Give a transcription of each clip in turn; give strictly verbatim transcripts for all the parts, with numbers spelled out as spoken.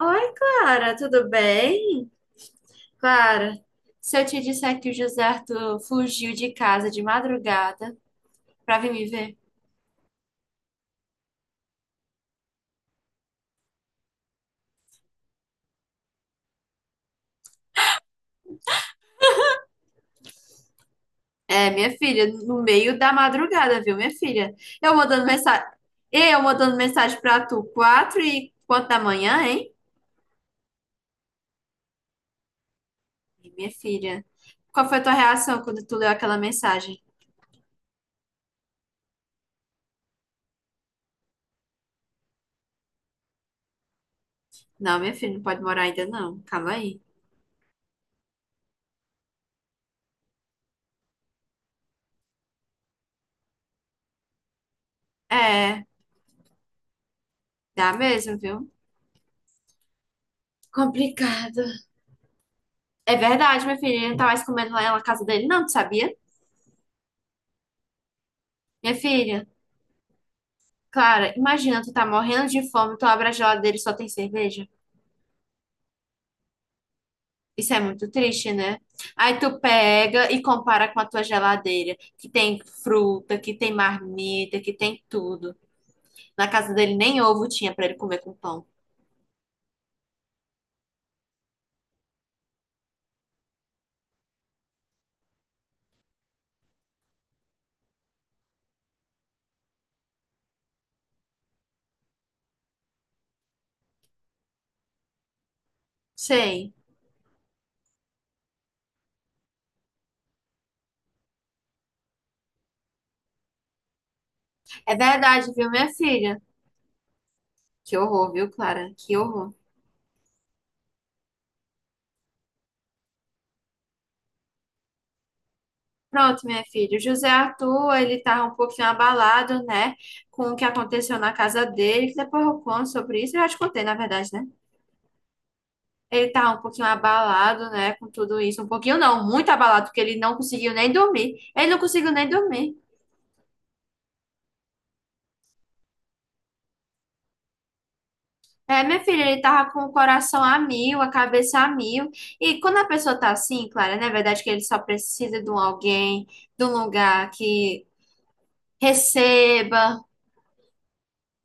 Oi, Clara, tudo bem? Clara, se eu te disser que o José Arthur fugiu de casa de madrugada pra vir me ver? É, minha filha, no meio da madrugada, viu, minha filha? Eu mandando mensagem, eu mandando mensagem pra tu, quatro e quanto da manhã, hein? E, minha filha, qual foi a tua reação quando tu leu aquela mensagem? Não, minha filha, não pode morar ainda não, calma aí. É, dá mesmo, viu? Complicado. É verdade, minha filha, ele não tá mais comendo lá na casa dele, não, tu sabia? Minha filha, Clara, imagina, tu tá morrendo de fome, tu abre a geladeira e só tem cerveja. Isso é muito triste, né? Aí tu pega e compara com a tua geladeira, que tem fruta, que tem marmita, que tem tudo. Na casa dele nem ovo tinha pra ele comer com pão. Sei. É verdade, viu, minha filha? Que horror, viu, Clara? Que horror. Pronto, minha filha. O José Arthur, ele tá um pouquinho abalado, né? Com o que aconteceu na casa dele, que depois eu conto sobre isso. Eu já te contei, na verdade, né? Ele tá um pouquinho abalado, né, com tudo isso. Um pouquinho não, muito abalado, porque ele não conseguiu nem dormir. Ele não conseguiu nem dormir. É, minha filha, ele tava com o coração a mil, a cabeça a mil. E quando a pessoa tá assim, Clara, não é verdade que ele só precisa de um alguém, de um lugar que receba,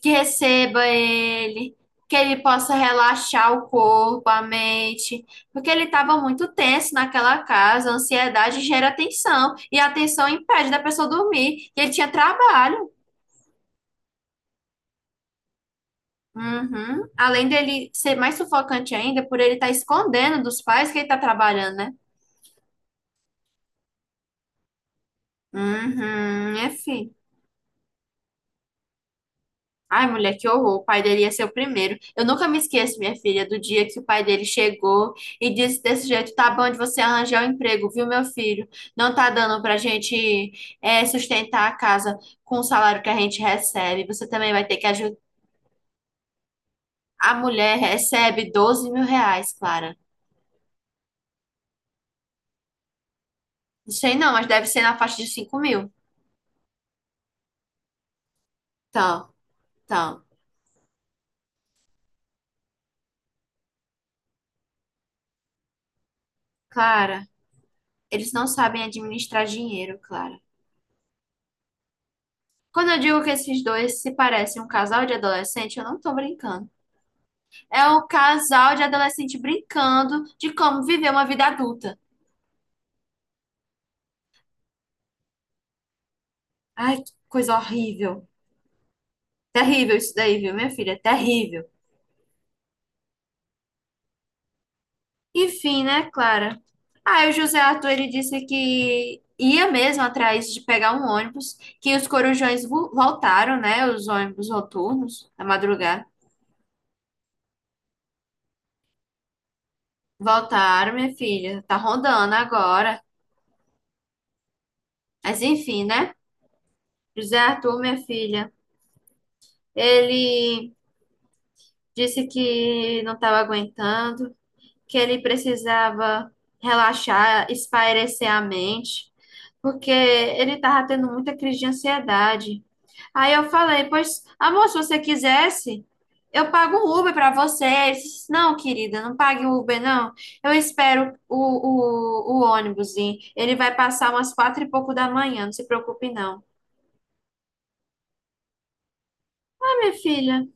que receba ele, que ele possa relaxar o corpo, a mente, porque ele estava muito tenso naquela casa, a ansiedade gera tensão, e a tensão impede da pessoa dormir, e ele tinha trabalho. Uhum. Além dele ser mais sufocante ainda, por ele estar escondendo dos pais que ele está trabalhando, né? Uhum, é, filho. Ai, mulher, que horror. O pai dele ia ser o primeiro. Eu nunca me esqueço, minha filha, do dia que o pai dele chegou e disse desse jeito: tá bom de você arranjar um emprego, viu, meu filho? Não tá dando pra gente é, sustentar a casa com o salário que a gente recebe. Você também vai ter que ajudar. A mulher recebe doze mil reais, Clara. Não sei não, mas deve ser na faixa de cinco mil. Então, então, Clara, eles não sabem administrar dinheiro, Clara. Quando eu digo que esses dois se parecem um casal de adolescente, eu não tô brincando. É um casal de adolescente brincando de como viver uma vida adulta. Ai, que coisa horrível. Terrível isso daí, viu, minha filha? Terrível. Enfim, né, Clara? Aí o José Arthur, ele disse que ia mesmo atrás de pegar um ônibus, que os corujões vo- voltaram, né? Os ônibus noturnos, na madrugada. Voltaram, minha filha. Tá rondando agora. Mas enfim, né? José Arthur, minha filha, ele disse que não estava aguentando que ele precisava relaxar, espairecer a mente, porque ele estava tendo muita crise de ansiedade. Aí eu falei, pois, amor, se você quisesse, eu pago o Uber para você. Ele disse, não, querida, não pague o Uber, não. Eu espero o, o, o ônibus ir. Ele vai passar umas quatro e pouco da manhã, não se preocupe, não. Ah, minha filha,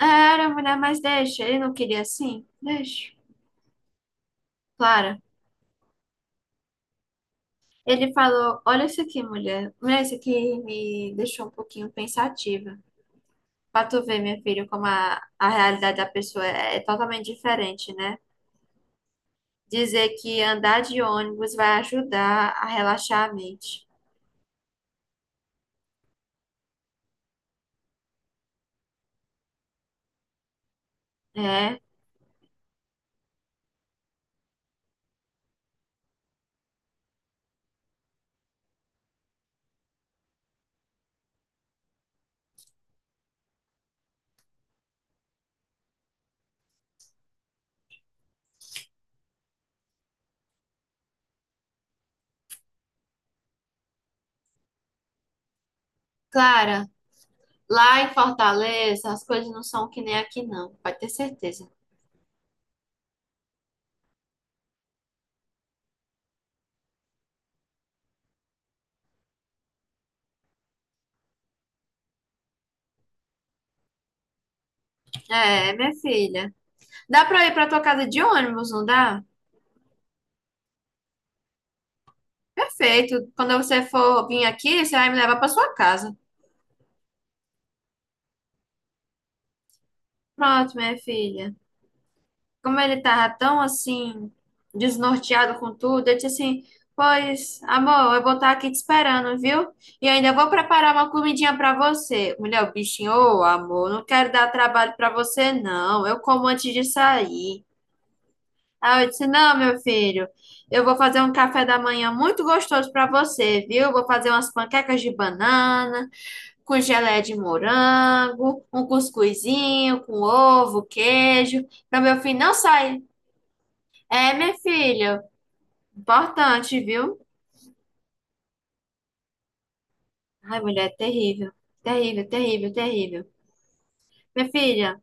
é, era mulher, mas deixa. Ele não queria assim? Deixa. Clara. Ele falou: Olha isso aqui, mulher. Mulher, isso aqui me deixou um pouquinho pensativa. Pra tu ver, minha filha, como a, a realidade da pessoa é, é totalmente diferente, né? Dizer que andar de ônibus vai ajudar a relaxar a mente. É. Clara, lá em Fortaleza, as coisas não são que nem aqui, não. Pode ter certeza. É, minha filha. Dá pra ir pra tua casa de ônibus, não dá? Perfeito. Quando você for vir aqui, você vai me levar pra sua casa. Pronto, minha filha. Como ele tava tão assim, desnorteado com tudo, eu disse assim: Pois, amor, eu vou estar aqui te esperando, viu? E ainda vou preparar uma comidinha pra você. Mulher, o bichinho, ô amor, não quero dar trabalho pra você, não. Eu como antes de sair. Aí eu disse: Não, meu filho, eu vou fazer um café da manhã muito gostoso pra você, viu? Vou fazer umas panquecas de banana, com geleia de morango, um cuscuzinho com ovo, queijo. Pra meu filho não sair. É, minha filha, importante, viu? Ai, mulher, é terrível. Terrível, terrível, terrível. Minha filha,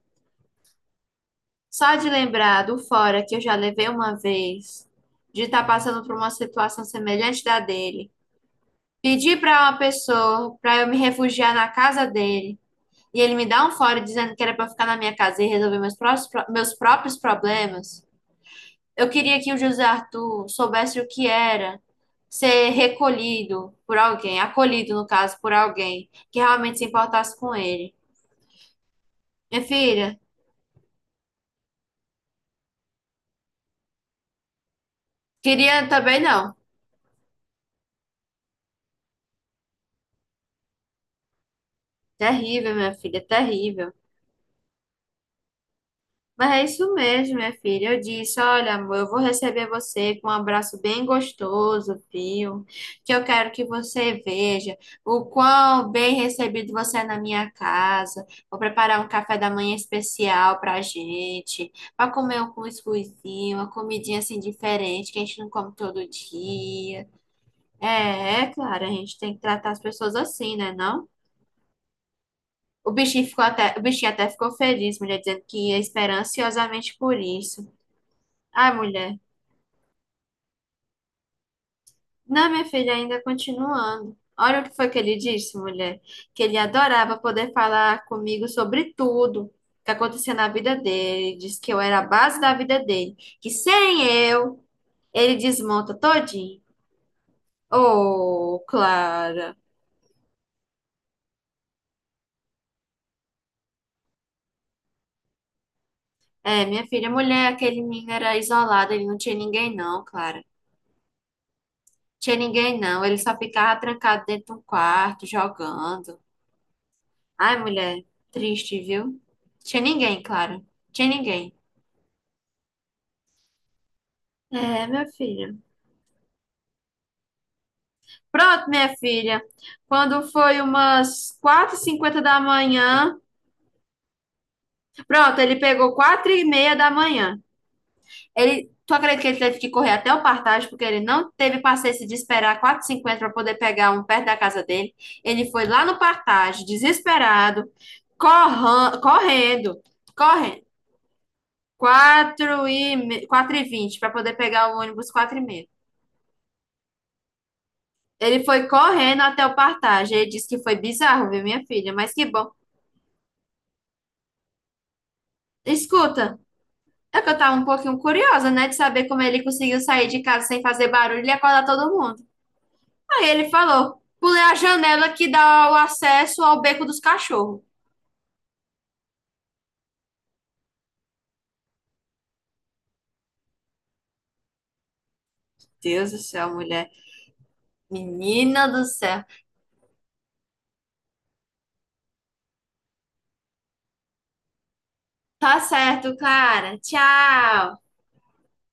só de lembrar do fora que eu já levei uma vez, de estar passando por uma situação semelhante da dele, pedir para uma pessoa para eu me refugiar na casa dele, e ele me dá um fora dizendo que era para ficar na minha casa e resolver meus próprios, meus próprios problemas. Eu queria que o José Arthur soubesse o que era ser recolhido por alguém, acolhido, no caso, por alguém que realmente se importasse com ele. Minha filha, queria também não. Terrível, minha filha, terrível. Mas é isso mesmo, minha filha. Eu disse: olha, amor, eu vou receber você com um abraço bem gostoso, viu? Que eu quero que você veja o quão bem recebido você é na minha casa. Vou preparar um café da manhã especial pra gente, pra comer um cuscuzinho, uma comidinha assim diferente, que a gente não come todo dia. É, é claro, a gente tem que tratar as pessoas assim, né, não? O bichinho ficou até, o bichinho até ficou feliz, mulher, dizendo que ia esperar ansiosamente por isso. Ai, mulher. Não, minha filha, ainda continuando. Olha o que foi que ele disse, mulher. Que ele adorava poder falar comigo sobre tudo que acontecia na vida dele. Disse que eu era a base da vida dele. Que sem eu, ele desmonta todinho. Oh, Clara. É, minha filha, mulher, aquele menino era isolado. Ele não tinha ninguém, não, Clara. Tinha ninguém, não. Ele só ficava trancado dentro de um quarto, jogando. Ai, mulher, triste, viu? Tinha ninguém, Clara. Tinha ninguém. É, minha filha. Pronto, minha filha. Quando foi umas quatro e cinquenta da manhã. Pronto, ele pegou quatro e meia da manhã. Ele, tu acredita que ele teve que correr até o Partage, porque ele não teve paciência de esperar quatro e cinquenta para poder pegar um perto da casa dele. Ele foi lá no Partage, desesperado, corran- correndo, correndo. Quatro e me- quatro e vinte para poder pegar o ônibus quatro e meia. Ele foi correndo até o Partage. Ele disse que foi bizarro, viu, minha filha? Mas que bom. Escuta, é que eu tava um pouquinho curiosa, né, de saber como ele conseguiu sair de casa sem fazer barulho e acordar todo mundo. Aí ele falou: pulei a janela que dá o acesso ao beco dos cachorros. Deus do céu, mulher. Menina do céu. Tá certo, cara. Tchau.